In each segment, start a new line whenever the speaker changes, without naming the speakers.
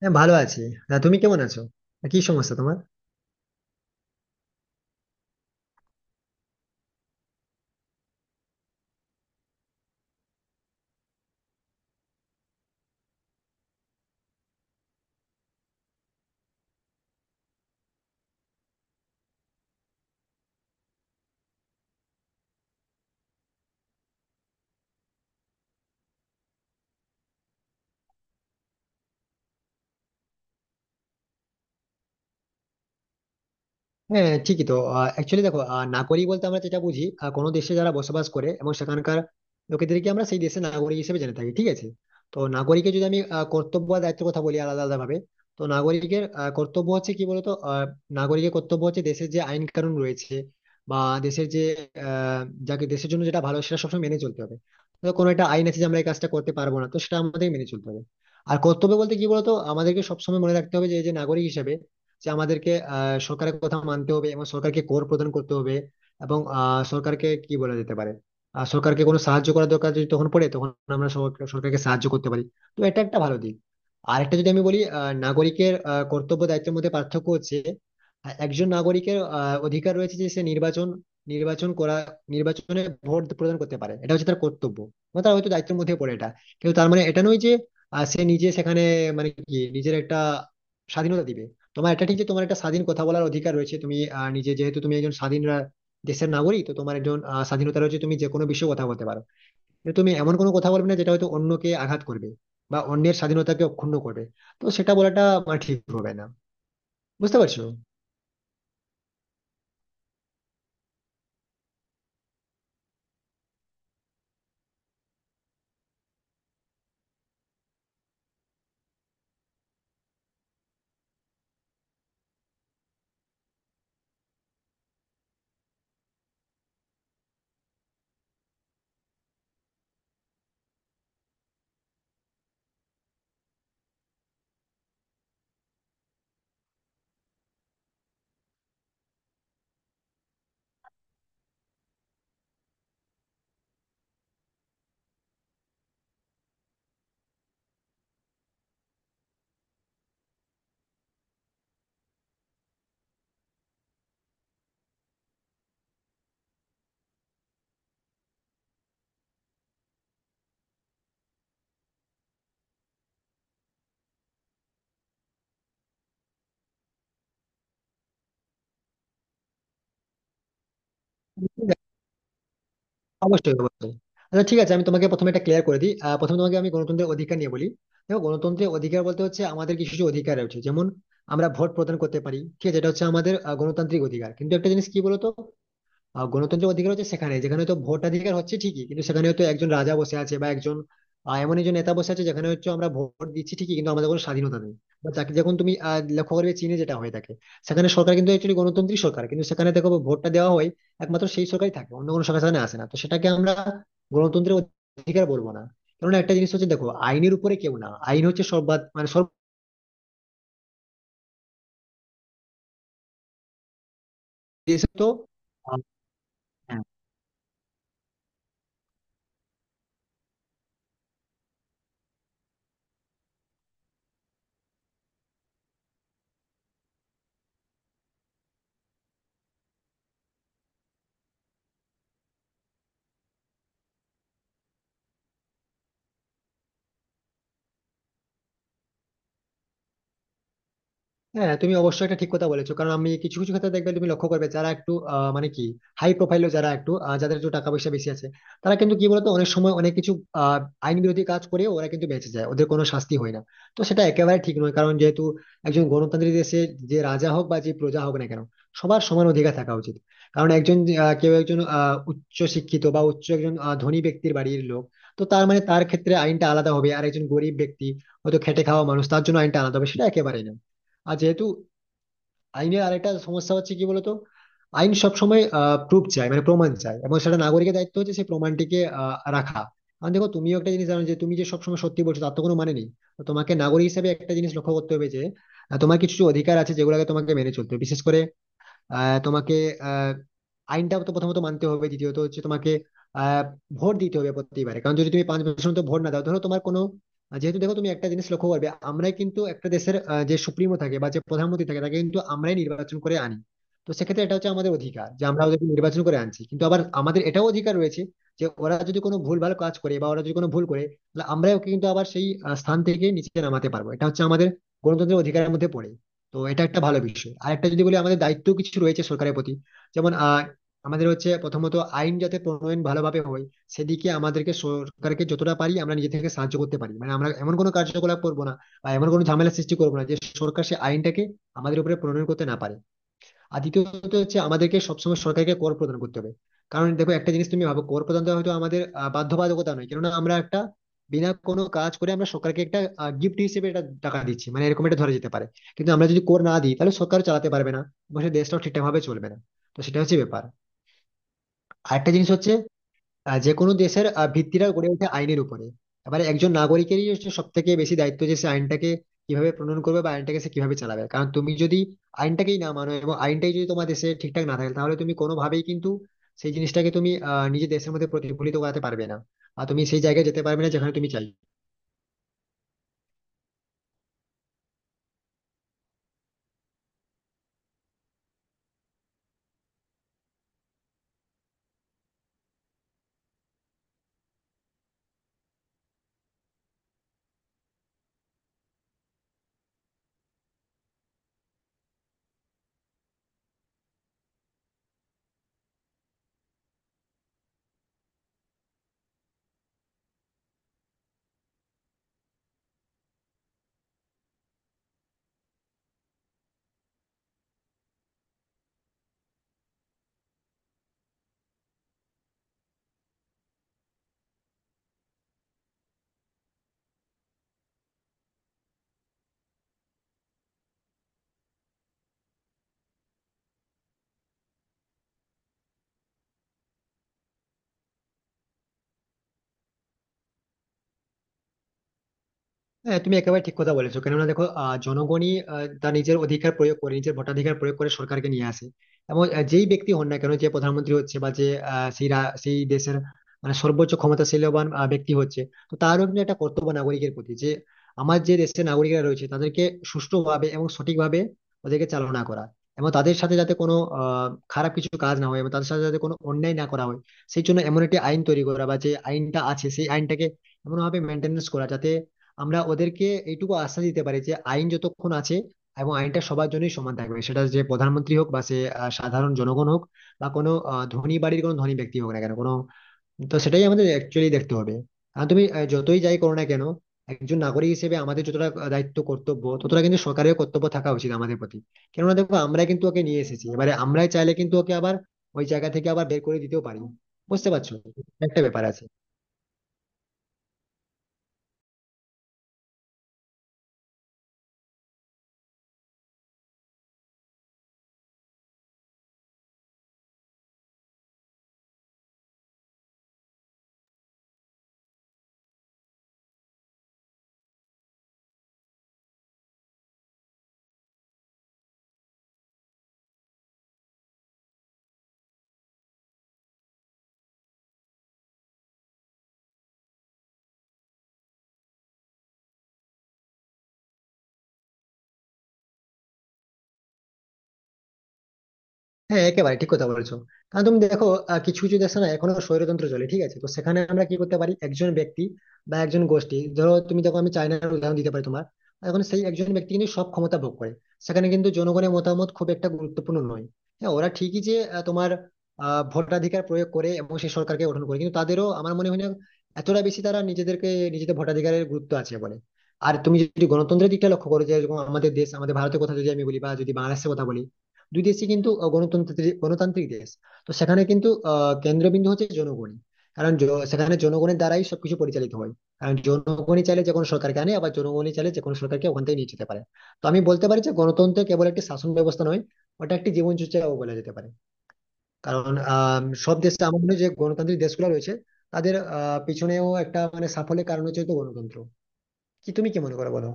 হ্যাঁ, ভালো আছি। না, তুমি কেমন আছো? আর কি সমস্যা তোমার? হ্যাঁ, ঠিকই তো। অ্যাকচুয়ালি দেখো, নাগরিক বলতে আমরা যেটা বুঝি, কোনো দেশে যারা বসবাস করে এবং সেখানকার লোকেদেরকে আমরা সেই দেশের নাগরিক হিসেবে জেনে থাকি, ঠিক আছে। তো নাগরিকের যদি আমি কর্তব্য আর দায়িত্বের কথা বলি আলাদা আলাদা ভাবে, তো নাগরিকের কর্তব্য হচ্ছে কি বলতো, নাগরিকের কর্তব্য হচ্ছে দেশের যে আইন কানুন রয়েছে বা দেশের যে আহ যাকে দেশের জন্য যেটা ভালো সেটা সবসময় মেনে চলতে হবে। তো কোনো একটা আইন আছে যে আমরা এই কাজটা করতে পারবো না, তো সেটা আমাদের মেনে চলতে হবে। আর কর্তব্য বলতে কি বলতো, আমাদেরকে সবসময় মনে রাখতে হবে যে এই যে নাগরিক হিসেবে যে আমাদেরকে সরকারের কথা মানতে হবে এবং সরকারকে কর প্রদান করতে হবে। এবং সরকারকে কি বলা যেতে পারে, সরকারকে কোনো সাহায্য করার দরকার যদি তখন পড়ে, তখন আমরা সরকারকে সাহায্য করতে পারি। তো এটা একটা ভালো দিক। আর একটা যদি আমি বলি, নাগরিকের কর্তব্য দায়িত্বের মধ্যে পার্থক্য হচ্ছে, একজন নাগরিকের অধিকার রয়েছে যে সে নির্বাচন নির্বাচন করা, নির্বাচনে ভোট প্রদান করতে পারে। এটা হচ্ছে তার কর্তব্য, মানে তার হয়তো দায়িত্বের মধ্যে পড়ে এটা। কিন্তু তার মানে এটা নয় যে সে নিজে সেখানে মানে কি নিজের একটা স্বাধীনতা দিবে। তোমার এটা ঠিক যে তোমার একটা স্বাধীন কথা বলার অধিকার রয়েছে, তুমি নিজে যেহেতু তুমি একজন স্বাধীন দেশের নাগরিক, তো তোমার একজন স্বাধীনতা রয়েছে, তুমি যে কোনো বিষয়ে কথা বলতে পারো। কিন্তু তুমি এমন কোনো কথা বলবে না যেটা হয়তো অন্যকে আঘাত করবে বা অন্যের স্বাধীনতাকে অক্ষুণ্ণ করবে। তো সেটা বলাটা আমার ঠিক হবে না। বুঝতে পারছো? অবশ্যই অবশ্যই। আচ্ছা, ঠিক আছে, আমি তোমাকে প্রথমে এটা ক্লিয়ার করে দিই। প্রথমে তোমাকে আমি গণতন্ত্রের অধিকার নিয়ে বলি। দেখো, গণতন্ত্রের অধিকার বলতে হচ্ছে আমাদের কিছু কিছু অধিকার রয়েছে, যেমন আমরা ভোট প্রদান করতে পারি, ঠিক আছে। এটা হচ্ছে আমাদের গণতান্ত্রিক অধিকার। কিন্তু একটা জিনিস কি বলতো, গণতন্ত্রের অধিকার হচ্ছে সেখানে যেখানে তো ভোটাধিকার হচ্ছে ঠিকই, কিন্তু সেখানে হয়তো একজন রাজা বসে আছে বা একজন এমন একজন নেতা বসে আছে, যেখানে হচ্ছে আমরা ভোট দিচ্ছি ঠিকই, কিন্তু আমাদের কোনো স্বাধীনতা নেই। বা তাকে যখন তুমি লক্ষ্য করবে চীনে যেটা হয়ে থাকে, সেখানে সরকার কিন্তু একচুয়ালি গণতান্ত্রিক সরকার, কিন্তু সেখানে দেখো ভোটটা দেওয়া হয় একমাত্র সেই সরকারই থাকে, অন্য কোনো সরকার সেখানে আসে না। তো সেটাকে আমরা গণতন্ত্রের অধিকার বলবো না। কারণ একটা জিনিস হচ্ছে, দেখো, আইনের উপরে কেউ না, আইন হচ্ছে সর্বা মানে সর্ব দেশে তো আহ, হ্যাঁ, তুমি অবশ্যই একটা ঠিক কথা বলেছো। কারণ আমি কিছু কিছু ক্ষেত্রে দেখবে তুমি লক্ষ্য করবে যারা একটু মানে কি হাই প্রোফাইলও, যারা একটু যাদের একটু টাকা পয়সা বেশি আছে, তারা কিন্তু কি বলতো অনেক সময় অনেক কিছু আহ, আইন বিরোধী কাজ করে। ওরা কিন্তু বেঁচে যায়, ওদের কোনো শাস্তি হয় না। তো সেটা একেবারে ঠিক নয়, কারণ যেহেতু একজন গণতান্ত্রিক দেশে যে রাজা হোক বা যে প্রজা হোক না কেন, সবার সমান অধিকার থাকা উচিত। কারণ একজন কেউ একজন উচ্চ শিক্ষিত বা উচ্চ একজন ধনী ব্যক্তির বাড়ির লোক, তো তার মানে তার ক্ষেত্রে আইনটা আলাদা হবে আর একজন গরিব ব্যক্তি হয়তো খেটে খাওয়া মানুষ তার জন্য আইনটা আলাদা হবে, সেটা একেবারেই না। আর যেহেতু আইনের আরেকটা সমস্যা হচ্ছে কি বলতো, আইন সবসময় প্রুফ চায়, মানে প্রমাণ চায়, এবং সেটা নাগরিকের দায়িত্ব হচ্ছে সেই প্রমাণটিকে রাখা। কারণ দেখো, তুমিও একটা জিনিস জানো যে তুমি যে সবসময় সত্যি বলছো তার তো কোনো মানে নেই। তো তোমাকে নাগরিক হিসেবে একটা জিনিস লক্ষ্য করতে হবে যে তোমার কিছু কিছু অধিকার আছে যেগুলোকে তোমাকে মেনে চলতে হবে, বিশেষ করে তোমাকে আহ, আইনটা তো প্রথমত মানতে হবে, দ্বিতীয়ত হচ্ছে তোমাকে আহ, ভোট দিতে হবে প্রতিবারে। কারণ যদি তুমি 5 বছর তো ভোট না দাও, ধরো তোমার কোনো যেহেতু দেখো তুমি একটা জিনিস লক্ষ্য করবে, আমরাই কিন্তু একটা দেশের যে সুপ্রিমো থাকে বা যে প্রধানমন্ত্রী থাকে তাকে কিন্তু আমরাই নির্বাচন করে আনি। তো সেক্ষেত্রে এটা হচ্ছে আমাদের অধিকার যে আমরা ওদেরকে নির্বাচন করে আনছি, কিন্তু আবার আমাদের এটাও অধিকার রয়েছে যে ওরা যদি কোনো ভুলভাল কাজ করে বা ওরা যদি কোনো ভুল করে, তাহলে আমরাই ওকে কিন্তু আবার সেই স্থান থেকে নিচে নামাতে পারবো। এটা হচ্ছে আমাদের গণতন্ত্রের অধিকারের মধ্যে পড়ে। তো এটা একটা ভালো বিষয়। আর একটা যদি বলি, আমাদের দায়িত্ব কিছু রয়েছে সরকারের প্রতি, যেমন আমাদের হচ্ছে প্রথমত আইন যাতে প্রণয়ন ভালোভাবে হয়, সেদিকে আমাদেরকে সরকারকে যতটা পারি আমরা নিজে থেকে সাহায্য করতে পারি। মানে আমরা এমন কোনো কার্যকলাপ করবো না বা এমন কোনো ঝামেলা সৃষ্টি করবো না যে সরকার সে আইনটাকে আমাদের উপরে প্রণয়ন করতে না পারে। আর দ্বিতীয়ত হচ্ছে আমাদেরকে সবসময় সরকারকে কর প্রদান করতে হবে। কারণ দেখো একটা জিনিস তুমি ভাবো, কর প্রদান তো হয়তো আমাদের বাধ্যবাধকতা নয়, কেননা আমরা একটা বিনা কোনো কাজ করে আমরা সরকারকে একটা গিফট হিসেবে এটা টাকা দিচ্ছি, মানে এরকম এটা ধরা যেতে পারে। কিন্তু আমরা যদি কর না দিই তাহলে সরকার চালাতে পারবে না এবং সে দেশটাও ঠিকঠাক ভাবে চলবে না। তো সেটা হচ্ছে ব্যাপার। আরেকটা জিনিস হচ্ছে যে কোনো দেশের ভিত্তিটা গড়ে ওঠে আইনের উপরে। এবারে একজন নাগরিকেরই হচ্ছে সব থেকে বেশি দায়িত্ব যে সে আইনটাকে কিভাবে প্রণয়ন করবে বা আইনটাকে সে কিভাবে চালাবে। কারণ তুমি যদি আইনটাকেই না মানো এবং আইনটাই যদি তোমার দেশে ঠিকঠাক না থাকে, তাহলে তুমি কোনোভাবেই কিন্তু সেই জিনিসটাকে তুমি নিজের দেশের মধ্যে প্রতিফলিত করাতে পারবে না। আর তুমি সেই জায়গায় যেতে পারবে না যেখানে তুমি চাই। হ্যাঁ, তুমি একেবারে ঠিক কথা বলেছো। কেননা দেখো, জনগণই তার নিজের অধিকার প্রয়োগ করে, নিজের ভোটাধিকার প্রয়োগ করে সরকারকে নিয়ে আসে। এবং যেই ব্যক্তি হন না কেন, যে প্রধানমন্ত্রী হচ্ছে বা যে সেই সেই দেশের মানে সর্বোচ্চ ক্ষমতাশীলবান ব্যক্তি হচ্ছে, তো তারও কিন্তু একটা কর্তব্য নাগরিকের প্রতি যে আমার যে দেশের নাগরিকরা রয়েছে তাদেরকে সুষ্ঠুভাবে এবং সঠিকভাবে ওদেরকে চালনা করা, এবং তাদের সাথে যাতে কোনো খারাপ কিছু কাজ না হয় এবং তাদের সাথে যাতে কোনো অন্যায় না করা হয়। সেই জন্য এমন একটি আইন তৈরি করা বা যে আইনটা আছে সেই আইনটাকে এমনভাবে মেনটেনেন্স করা যাতে আমরা ওদেরকে এইটুকু আশ্বাস দিতে পারি যে আইন যতক্ষণ আছে এবং আইনটা সবার জন্যই সমান থাকবে, সেটা যে প্রধানমন্ত্রী হোক বা সে সাধারণ জনগণ হোক বা কোনো ধনী বাড়ির কোনো ধনী ব্যক্তি হোক না কেন কোনো। তো সেটাই আমাদের অ্যাকচুয়ালি দেখতে হবে। কারণ তুমি যতই যাই করো না কেন, একজন নাগরিক হিসেবে আমাদের যতটা দায়িত্ব কর্তব্য ততটা কিন্তু সরকারের কর্তব্য থাকা উচিত আমাদের প্রতি। কেননা দেখো, আমরা কিন্তু ওকে নিয়ে এসেছি, এবারে আমরাই চাইলে কিন্তু ওকে আবার ওই জায়গা থেকে আবার বের করে দিতেও পারি। বুঝতে পারছো? একটা ব্যাপার আছে। হ্যাঁ, একেবারে ঠিক কথা বলেছো। কারণ তুমি দেখো, কিছু কিছু দেশে না এখনো স্বৈরতন্ত্র চলে, ঠিক আছে। তো সেখানে আমরা কি করতে পারি, একজন ব্যক্তি বা একজন গোষ্ঠী, ধরো তুমি দেখো আমি চায়নার উদাহরণ দিতে পারি তোমার। এখন সেই একজন ব্যক্তি কিন্তু সব ক্ষমতা ভোগ করে, সেখানে কিন্তু জনগণের মতামত খুব একটা গুরুত্বপূর্ণ নয়। হ্যাঁ, ওরা ঠিকই যে তোমার ভোটাধিকার প্রয়োগ করে এবং সেই সরকারকে গঠন করে, কিন্তু তাদেরও আমার মনে হয় না এতটা বেশি তারা নিজেদেরকে নিজেদের ভোটাধিকারের গুরুত্ব আছে বলে। আর তুমি যদি গণতন্ত্রের দিকটা লক্ষ্য করো, যে যেরকম আমাদের দেশ, আমাদের ভারতের কথা যদি আমি বলি বা যদি বাংলাদেশের কথা বলি, দুই দেশই কিন্তু গণতন্ত্রের গণতান্ত্রিক দেশ। তো সেখানে কিন্তু কেন্দ্রবিন্দু হচ্ছে জনগণই। কারণ সেখানে জনগণের দ্বারাই সবকিছু পরিচালিত হয়। কারণ জনগণই চাইলে যে কোনো সরকারকে আনে, আবার জনগণই চাইলে যে কোনো সরকারকে ওখান থেকে নিয়ে যেতে পারে। তো আমি বলতে পারি যে গণতন্ত্র কেবল একটি শাসন ব্যবস্থা নয়, ওটা একটি জীবন চর্চাও বলা যেতে পারে। কারণ সব দেশে আমার মনে হয় যে গণতান্ত্রিক দেশগুলো রয়েছে, তাদের পিছনেও একটা মানে সাফল্যের কারণ হচ্ছে হয়তো গণতন্ত্র। কি, তুমি কি মনে করো বলো?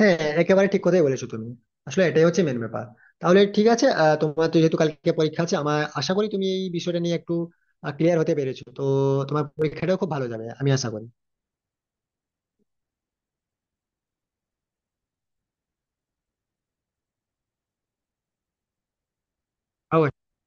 হ্যাঁ, একেবারে ঠিক কথাই বলেছো তুমি। আসলে এটাই হচ্ছে মেন ব্যাপার। তাহলে ঠিক আছে, তোমার তো যেহেতু কালকে পরীক্ষা আছে, আমার আশা করি তুমি এই বিষয়টা নিয়ে একটু ক্লিয়ার হতে পেরেছো তো। তোমার পরীক্ষাটাও খুব ভালো যাবে আমি আশা করি। অবশ্যই।